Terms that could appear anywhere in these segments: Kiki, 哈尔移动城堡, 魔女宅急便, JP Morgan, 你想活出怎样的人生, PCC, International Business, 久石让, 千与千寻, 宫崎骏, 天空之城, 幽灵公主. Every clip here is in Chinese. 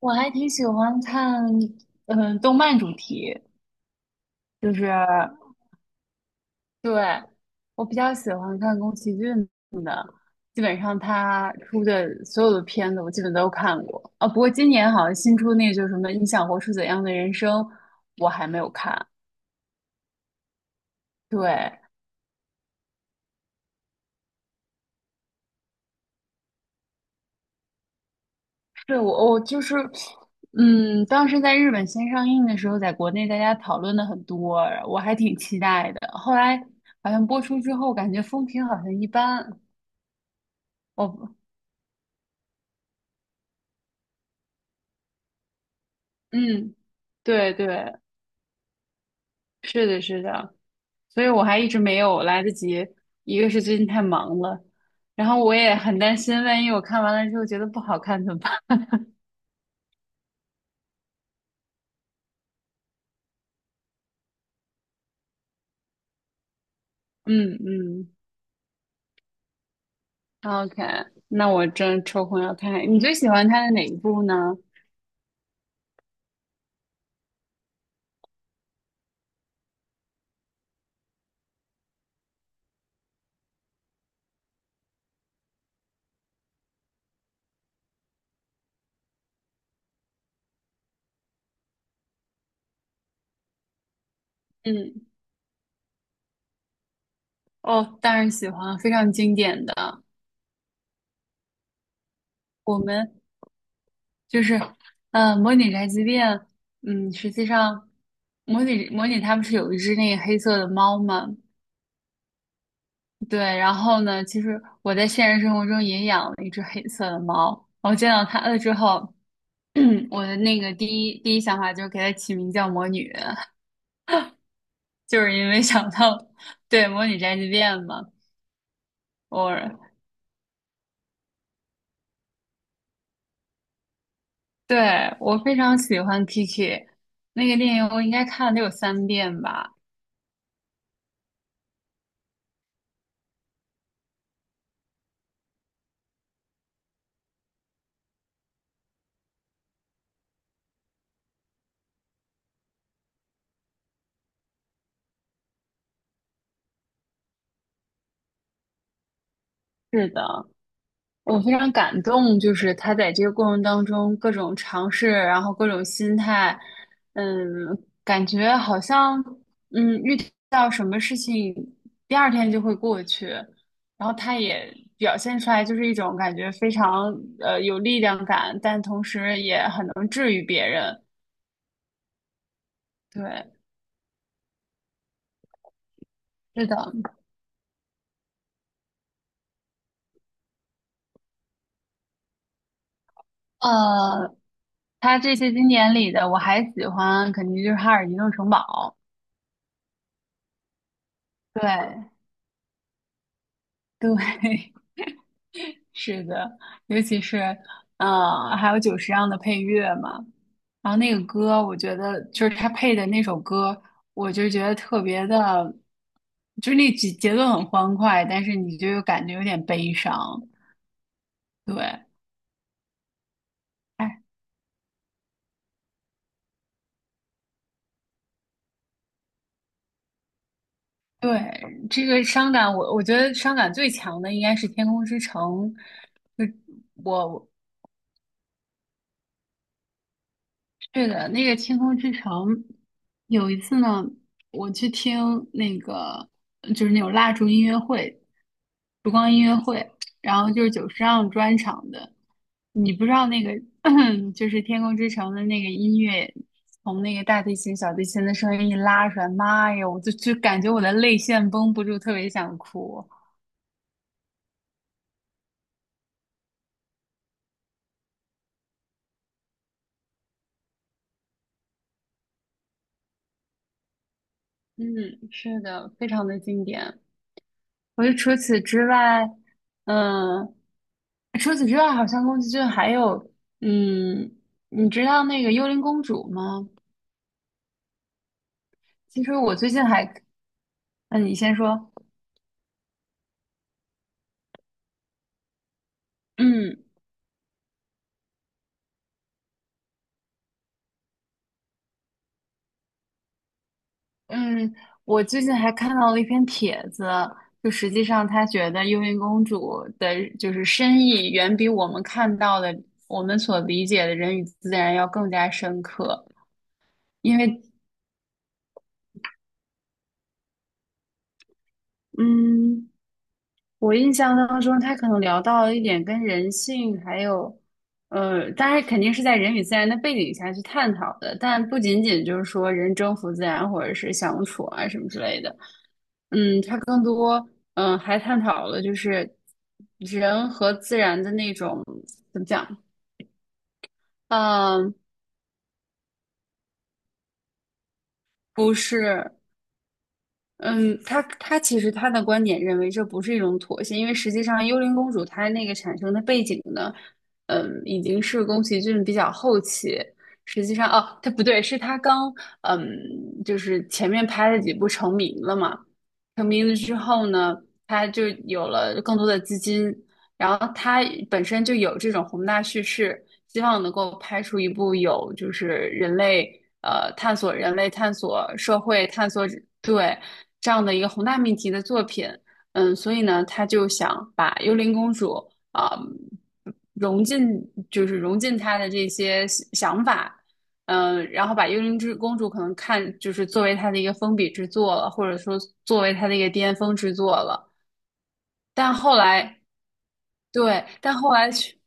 我还挺喜欢看，动漫主题，就是对，我比较喜欢看宫崎骏的，基本上他出的所有的片子我基本都看过啊。不过今年好像新出那个，就是什么《你想活出怎样的人生》，我还没有看。对，对我就是，当时在日本先上映的时候，在国内大家讨论的很多，我还挺期待的。后来好像播出之后，感觉风评好像一般。我嗯，对对，是的，是的，所以我还一直没有来得及，一个是最近太忙了，然后我也很担心，万一我看完了之后觉得不好看怎么办？嗯嗯，OK，那我真抽空要看。看，你最喜欢他的哪一部呢？嗯，哦，当然喜欢，非常经典的。我们就是，嗯，模拟宅急便，实际上模拟他不是有一只那个黑色的猫吗？对，然后呢，其实我在现实生活中也养了一只黑色的猫。我见到它了之后，我的那个第一想法就是给它起名叫魔女，就是因为想到对，魔女宅急便嘛。我对，我非常喜欢 Kiki 那个电影，我应该看了得有三遍吧。是的，我非常感动，就是他在这个过程当中各种尝试，然后各种心态，嗯，感觉好像遇到什么事情，第二天就会过去，然后他也表现出来就是一种感觉非常有力量感，但同时也很能治愈别人。对，是的，呃，他这些经典里的我还喜欢，肯定就是《哈尔移动城堡》。对对。是的，尤其是，还有久石让的配乐嘛，然后那个歌，我觉得就是他配的那首歌，我就觉得特别的，就是那节节奏很欢快，但是你就又感觉有点悲伤。对，哎，对，这个伤感我觉得伤感最强的应该是《天空之城》，就我对的，那个《天空之城》，有一次呢，我去听那个就是那种蜡烛音乐会、烛光音乐会，然后就是久石让专场的。你不知道那个 就是《天空之城》的那个音乐，从那个大提琴、小提琴的声音一拉出来，妈呀，我就感觉我的泪腺绷不住，特别想哭。嗯，是的，非常的经典。我就除此之外，嗯。除此之外，好像宫崎骏还有，嗯，你知道那个《幽灵公主》吗？其实我最近还，那你先说。嗯嗯，我最近还看到了一篇帖子，就实际上他觉得《幽灵公主》的就是深意远比我们看到的、我们所理解的人与自然要更加深刻，因为，嗯。我印象当中，他可能聊到了一点跟人性，还有，当然肯定是在人与自然的背景下去探讨的，但不仅仅就是说人征服自然或者是相处啊什么之类的。他更多，还探讨了就是人和自然的那种怎么讲，嗯、不是，嗯，他其实他的观点认为这不是一种妥协，因为实际上《幽灵公主》它那个产生的背景呢，已经是宫崎骏比较后期。实际上，哦，他不对，是他刚嗯，就是前面拍了几部成名了嘛，成名了之后呢，他就有了更多的资金，然后他本身就有这种宏大叙事，希望能够拍出一部有就是人类探索人类探索社会探索，对，这样的一个宏大命题的作品，所以呢，他就想把幽灵公主啊、融进融进他的这些想法。然后把《幽灵之公主》可能看就是作为它的一个封笔之作了，或者说作为它的一个巅峰之作了。但后来，对，但后来去，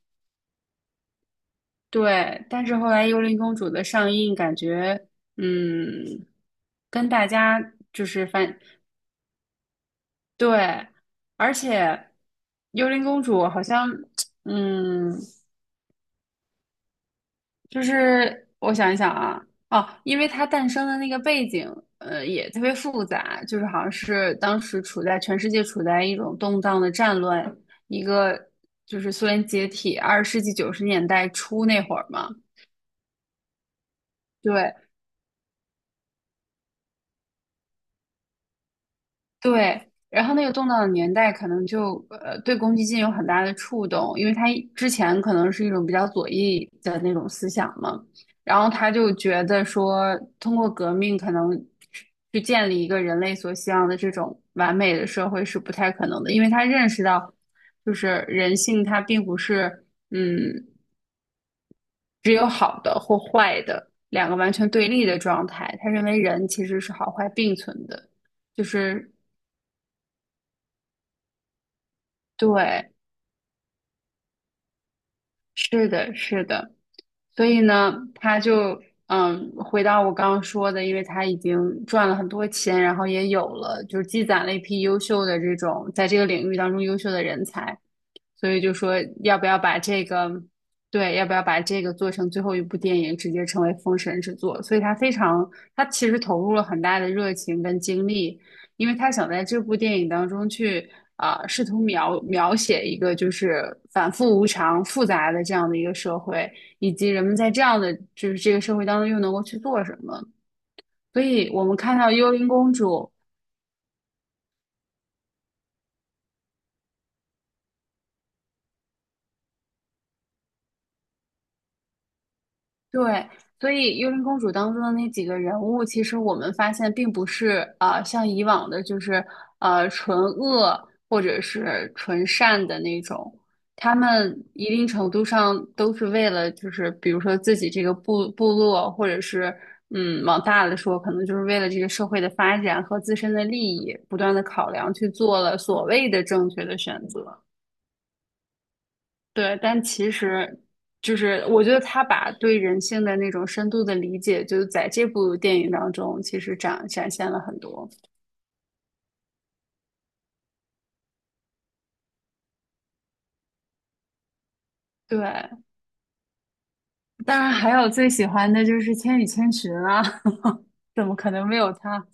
对，但是后来《幽灵公主》的上映，感觉嗯，跟大家就是反对，而且《幽灵公主》好像嗯，就是我想一想啊，哦，因为它诞生的那个背景，也特别复杂，就是好像是当时处在全世界处在一种动荡的战乱，一个就是苏联解体，20世纪90年代初那会儿嘛，对，对，然后那个动荡的年代可能就对公积金有很大的触动，因为他一之前可能是一种比较左翼的那种思想嘛，然后他就觉得说通过革命可能去建立一个人类所希望的这种完美的社会是不太可能的，因为他认识到就是人性它并不是嗯只有好的或坏的两个完全对立的状态，他认为人其实是好坏并存的，就是对。是的，是的，所以呢，他就回到我刚刚说的，因为他已经赚了很多钱，然后也有了，就是积攒了一批优秀的这种在这个领域当中优秀的人才，所以就说要不要把这个，对，要不要把这个做成最后一部电影，直接成为封神之作？所以他非常，他其实投入了很大的热情跟精力，因为他想在这部电影当中去试图描写一个就是反复无常、复杂的这样的一个社会，以及人们在这样的就是这个社会当中又能够去做什么。所以我们看到幽灵公主，对，所以《幽灵公主》当中的那几个人物，其实我们发现并不是像以往的，就是纯恶或者是纯善的那种，他们一定程度上都是为了，就是比如说自己这个部落，或者是往大了说，可能就是为了这个社会的发展和自身的利益，不断的考量去做了所谓的正确的选择。对，但其实就是我觉得他把对人性的那种深度的理解，就是在这部电影当中，其实展现了很多。对，当然还有最喜欢的就是《千与千寻》啊，怎么可能没有他？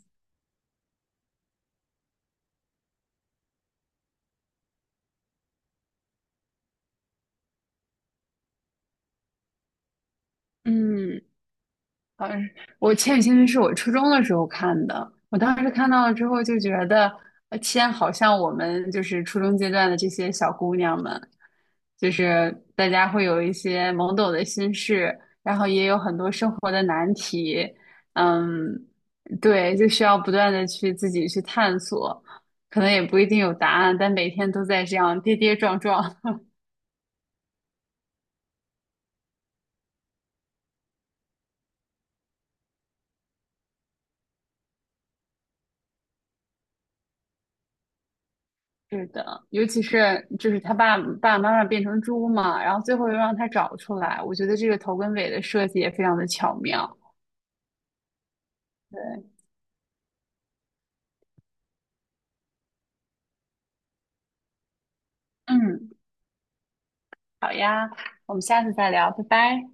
嗯。呃，我《千与千寻》是我初中的时候看的，我当时看到了之后就觉得，天，好像我们就是初中阶段的这些小姑娘们，就是大家会有一些懵懂的心事，然后也有很多生活的难题，嗯，对，就需要不断的去自己去探索，可能也不一定有答案，但每天都在这样跌跌撞撞，是的，尤其是就是他爸爸妈妈变成猪嘛，然后最后又让他找出来，我觉得这个头跟尾的设计也非常的巧妙。对，嗯，好呀，我们下次再聊，拜拜。